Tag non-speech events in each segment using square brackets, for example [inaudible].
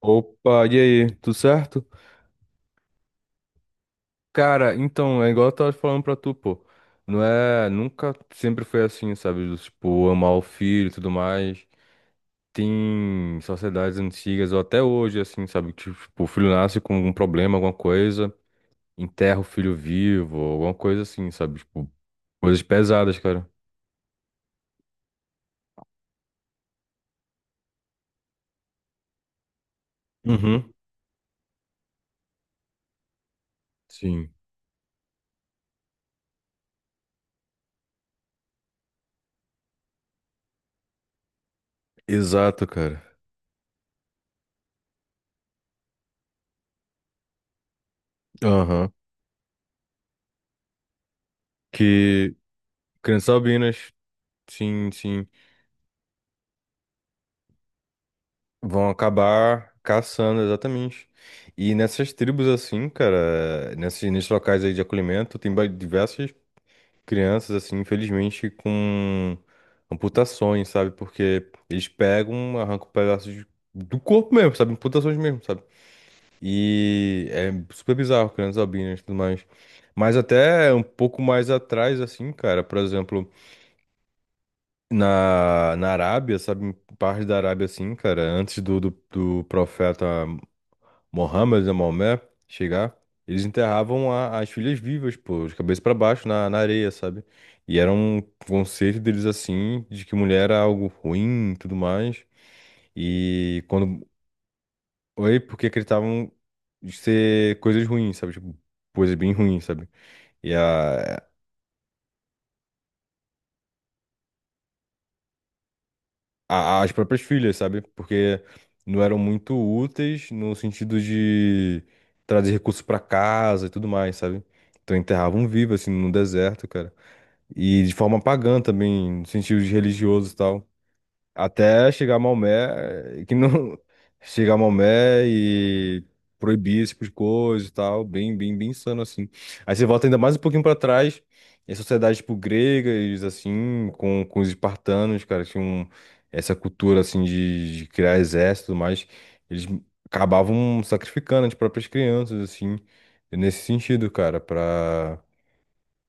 Opa, e aí, tudo certo? Cara, então, é igual eu tava falando pra tu, pô. Não é, nunca sempre foi assim, sabe? Do tipo, amar o filho e tudo mais. Tem sociedades antigas, ou até hoje, assim, sabe? Que, tipo, o filho nasce com algum problema, alguma coisa, enterra o filho vivo, alguma coisa assim, sabe? Tipo, coisas pesadas, cara. Uhum. Sim. Exato, cara. Aham. Que crianças albinas, sim, sim. Vão acabar caçando, exatamente. E nessas tribos, assim, cara, nesses locais aí de acolhimento, tem diversas crianças, assim, infelizmente, com amputações, sabe? Porque eles pegam, arrancam pedaços do corpo mesmo, sabe? Amputações mesmo, sabe? E é super bizarro, crianças albinas e tudo mais. Mas até um pouco mais atrás, assim, cara, por exemplo, na Arábia, sabe? Em parte da Arábia, assim, cara, antes do profeta. Mohammed e Maomé chegar, eles enterravam as filhas vivas, pô, de cabeça pra baixo na areia, sabe? E era um conceito deles assim, de que mulher era algo ruim e tudo mais. E quando. Oi, porque acreditavam de ser coisas ruins, sabe? Tipo, coisas bem ruins, sabe? E as próprias filhas, sabe? Porque não eram muito úteis no sentido de trazer recursos pra casa e tudo mais, sabe? Então enterravam vivo, assim, no deserto, cara. E de forma pagã também, no sentido de religioso e tal. Até chegar a Maomé, que não. [laughs] Chegar a Maomé e proibir esse tipo de coisa e tal. Bem, bem, bem insano, assim. Aí você volta ainda mais um pouquinho pra trás. E a sociedade, tipo, gregas, assim, com os espartanos, cara, tinham essa cultura, assim, de criar exército e tudo mais. Eles acabavam sacrificando tipo, as próprias crianças, assim, nesse sentido, cara, pra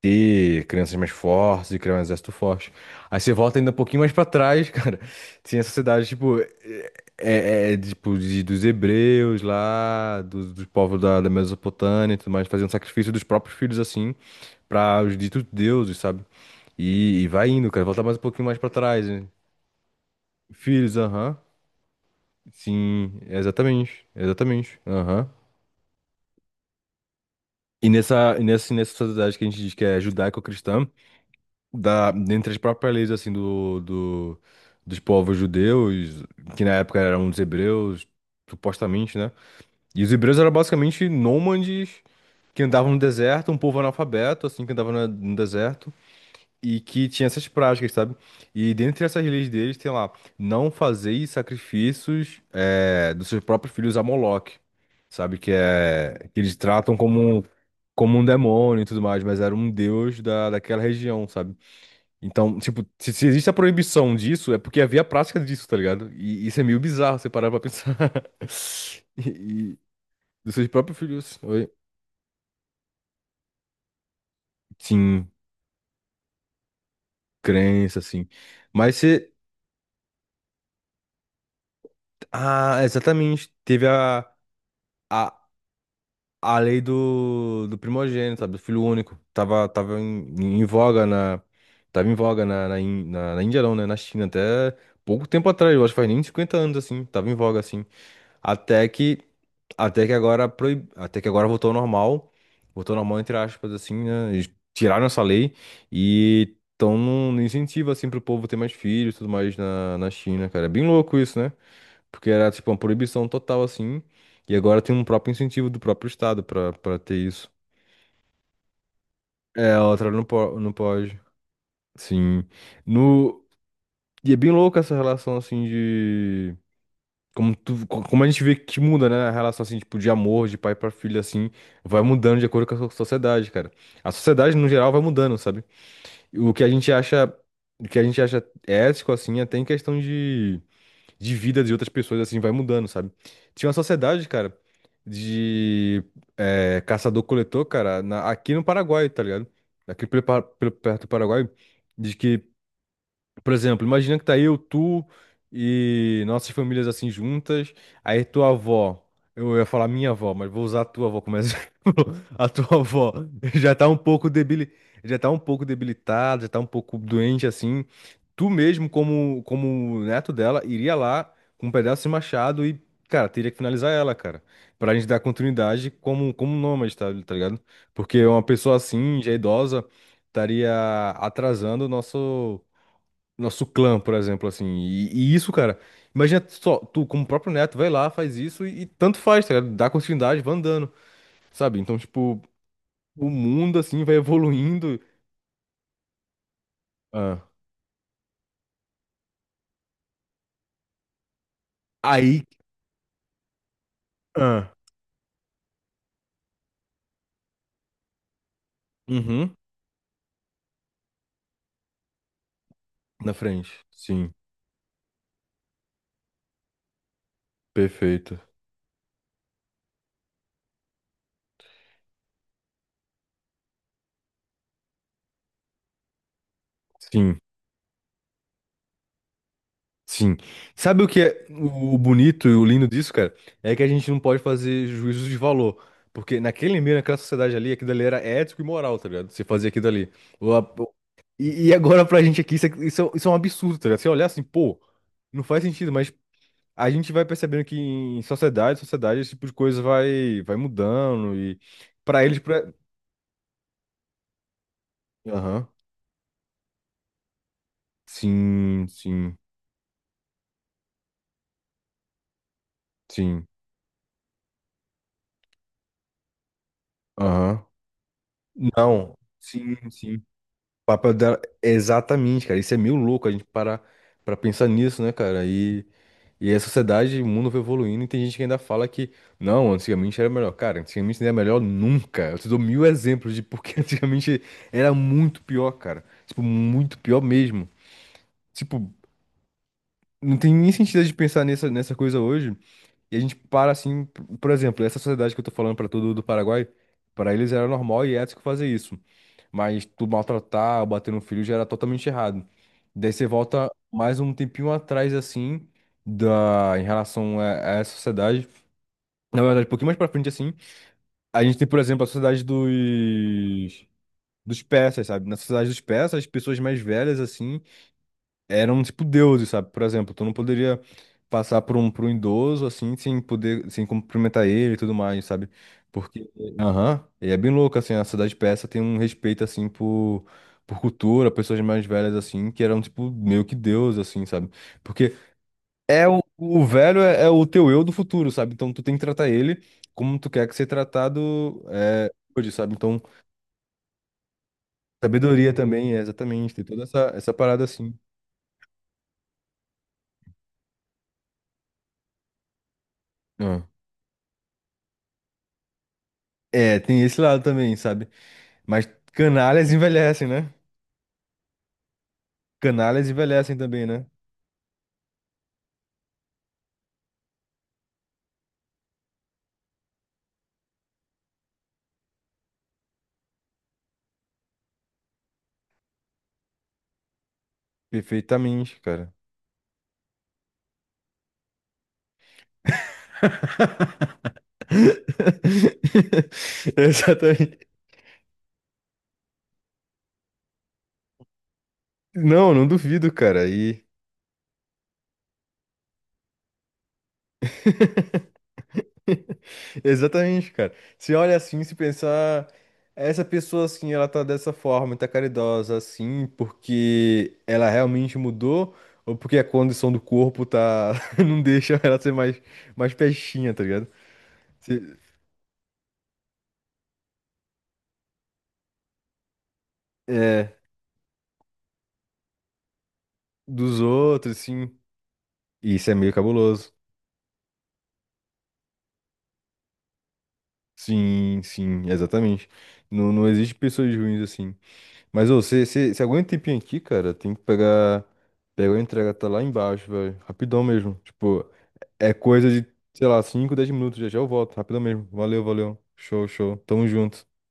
ter crianças mais fortes e criar um exército forte. Aí você volta ainda um pouquinho mais pra trás, [laughs] cara. Tinha essa cidade, tipo, é, tipo dos hebreus lá, dos povos da Mesopotâmia e tudo mais, fazendo sacrifício dos próprios filhos, assim, pra os ditos deuses, sabe? E vai indo, cara. Volta mais um pouquinho mais pra trás, né? Filhos, aham. Sim, exatamente. Exatamente. Aham. E nessa sociedade que a gente diz que é judaico-cristã. Da, dentre as próprias leis assim dos povos judeus, que na época eram os hebreus, supostamente, né? E os hebreus eram basicamente nômades que andavam no deserto, um povo analfabeto, assim, que andava no deserto. E que tinha essas práticas, sabe? E dentre essas leis deles tem lá, não fazeis sacrifícios dos seus próprios filhos a Moloque, sabe? Que é que eles tratam como, como um demônio e tudo mais, mas era um deus da, daquela região, sabe? Então, tipo, se existe a proibição disso, é porque havia a prática disso, tá ligado? E isso é meio bizarro, você parar pra pensar. [laughs] E dos seus próprios filhos. Oi. Sim, crença, assim. Mas você. Ah, exatamente. Teve a, a lei do primogênito, sabe? Do filho único. Tava em, em voga na. Tava em voga na Índia, não, né? Na China, até pouco tempo atrás, eu acho que faz nem 50 anos, assim. Tava em voga, assim. Até que, até que agora voltou ao normal entre aspas assim, né? Eles tiraram essa lei e estão no incentivo assim pro povo ter mais filhos, e tudo mais na China, cara. É bem louco isso, né? Porque era tipo uma proibição total assim, e agora tem um próprio incentivo do próprio estado pra para ter isso. É, a outra não pode. Sim. No... E é bem louco essa relação assim de como a gente vê que muda, né? A relação, assim, tipo, de amor, de pai pra filho, assim, vai mudando de acordo com a sociedade, cara. A sociedade, no geral, vai mudando, sabe? E o que a gente acha, o que a gente acha ético, assim, é até em questão de vida de outras pessoas, assim, vai mudando, sabe? Tinha uma sociedade, cara, de caçador-coletor, cara, aqui no Paraguai, tá ligado? Aqui perto do Paraguai, de que por exemplo, imagina que tá eu, tu e nossas famílias assim juntas. Aí tua avó, eu ia falar minha avó, mas vou usar a tua avó como exemplo. [laughs] A tua avó já tá um pouco já tá um pouco debilitada, já tá um pouco doente assim. Tu mesmo, como, como neto dela, iria lá com um pedaço de machado e, cara, teria que finalizar ela, cara. Pra gente dar continuidade como, como nômade, tá, tá ligado? Porque uma pessoa assim, já idosa, estaria atrasando o nosso. Nosso clã, por exemplo, assim. E isso, cara, imagina só, tu, como próprio neto, vai lá, faz isso e tanto faz, tá ligado? Dá continuidade, vai andando, sabe? Então, tipo, o mundo, assim, vai evoluindo. Ah. Aí. Ah. Uhum. Na frente. Sim, perfeito. Sim. Sim. Sabe o que é o bonito e o lindo disso, cara? É que a gente não pode fazer juízos de valor. Porque naquele meio, naquela sociedade ali, aquilo ali era ético e moral, tá ligado? Você fazia aquilo ali. O- a- o- e agora pra gente aqui, isso é um absurdo, tá ligado? Você olhar assim, pô, não faz sentido, mas a gente vai percebendo que em sociedade, esse tipo de coisa vai, vai mudando e pra eles... Pra... Aham. Sim, sim, sim. Aham. Não. Sim, sim. O papel dela, exatamente, cara. Isso é meio louco a gente parar pra pensar nisso, né, cara? E a sociedade, o mundo vai evoluindo e tem gente que ainda fala que, não, antigamente era melhor. Cara, antigamente não era melhor nunca. Eu te dou mil exemplos de porque [laughs] antigamente era muito pior, cara. Tipo, muito pior mesmo. Tipo, não tem nem sentido de pensar nessa coisa hoje. E a gente para assim, por exemplo, essa sociedade que eu tô falando pra todo do Paraguai, pra eles era normal e é ético fazer isso. Mas tu maltratar, bater no filho já era totalmente errado. Daí você volta mais um tempinho atrás, assim, da, em relação a essa sociedade. Na verdade, um pouquinho mais pra frente, assim, a gente tem, por exemplo, a sociedade dos persas, sabe? Na sociedade dos persas, as pessoas mais velhas, assim, eram tipo deuses, sabe? Por exemplo, tu não poderia passar por um idoso assim sem poder, sem cumprimentar ele e tudo mais, sabe? Porque, aham, e é bem louco assim, a cidade persa tem um respeito assim por cultura, pessoas mais velhas assim, que eram tipo meio que deus assim, sabe? Porque é o velho é, é o teu eu do futuro, sabe? Então tu tem que tratar ele como tu quer que ser tratado é, hoje, sabe? Então, sabedoria também é exatamente, tem toda essa parada assim. Ah. É, tem esse lado também, sabe? Mas canalhas envelhecem, né? Canalhas envelhecem também, né? Perfeitamente, cara. [laughs] Exatamente. Não, não duvido, cara. E exatamente, cara. Se olha assim, se pensar, essa pessoa assim, ela tá dessa forma, tá caridosa assim, porque ela realmente mudou ou porque a condição do corpo tá [laughs] não deixa ela ser mais mais peixinha, tá ligado? Se- É, dos outros, sim. Isso é meio cabuloso. Sim, sim, exatamente. Não, não existe pessoas ruins assim. Mas ô, aguenta um tempinho aqui, cara, tem que pegar, pegar a entrega, tá lá embaixo, velho. Rapidão mesmo. Tipo, é coisa de, sei lá, 5 10 minutos, já já eu volto. Rapidão mesmo. Valeu, valeu. Show, show. Tamo junto.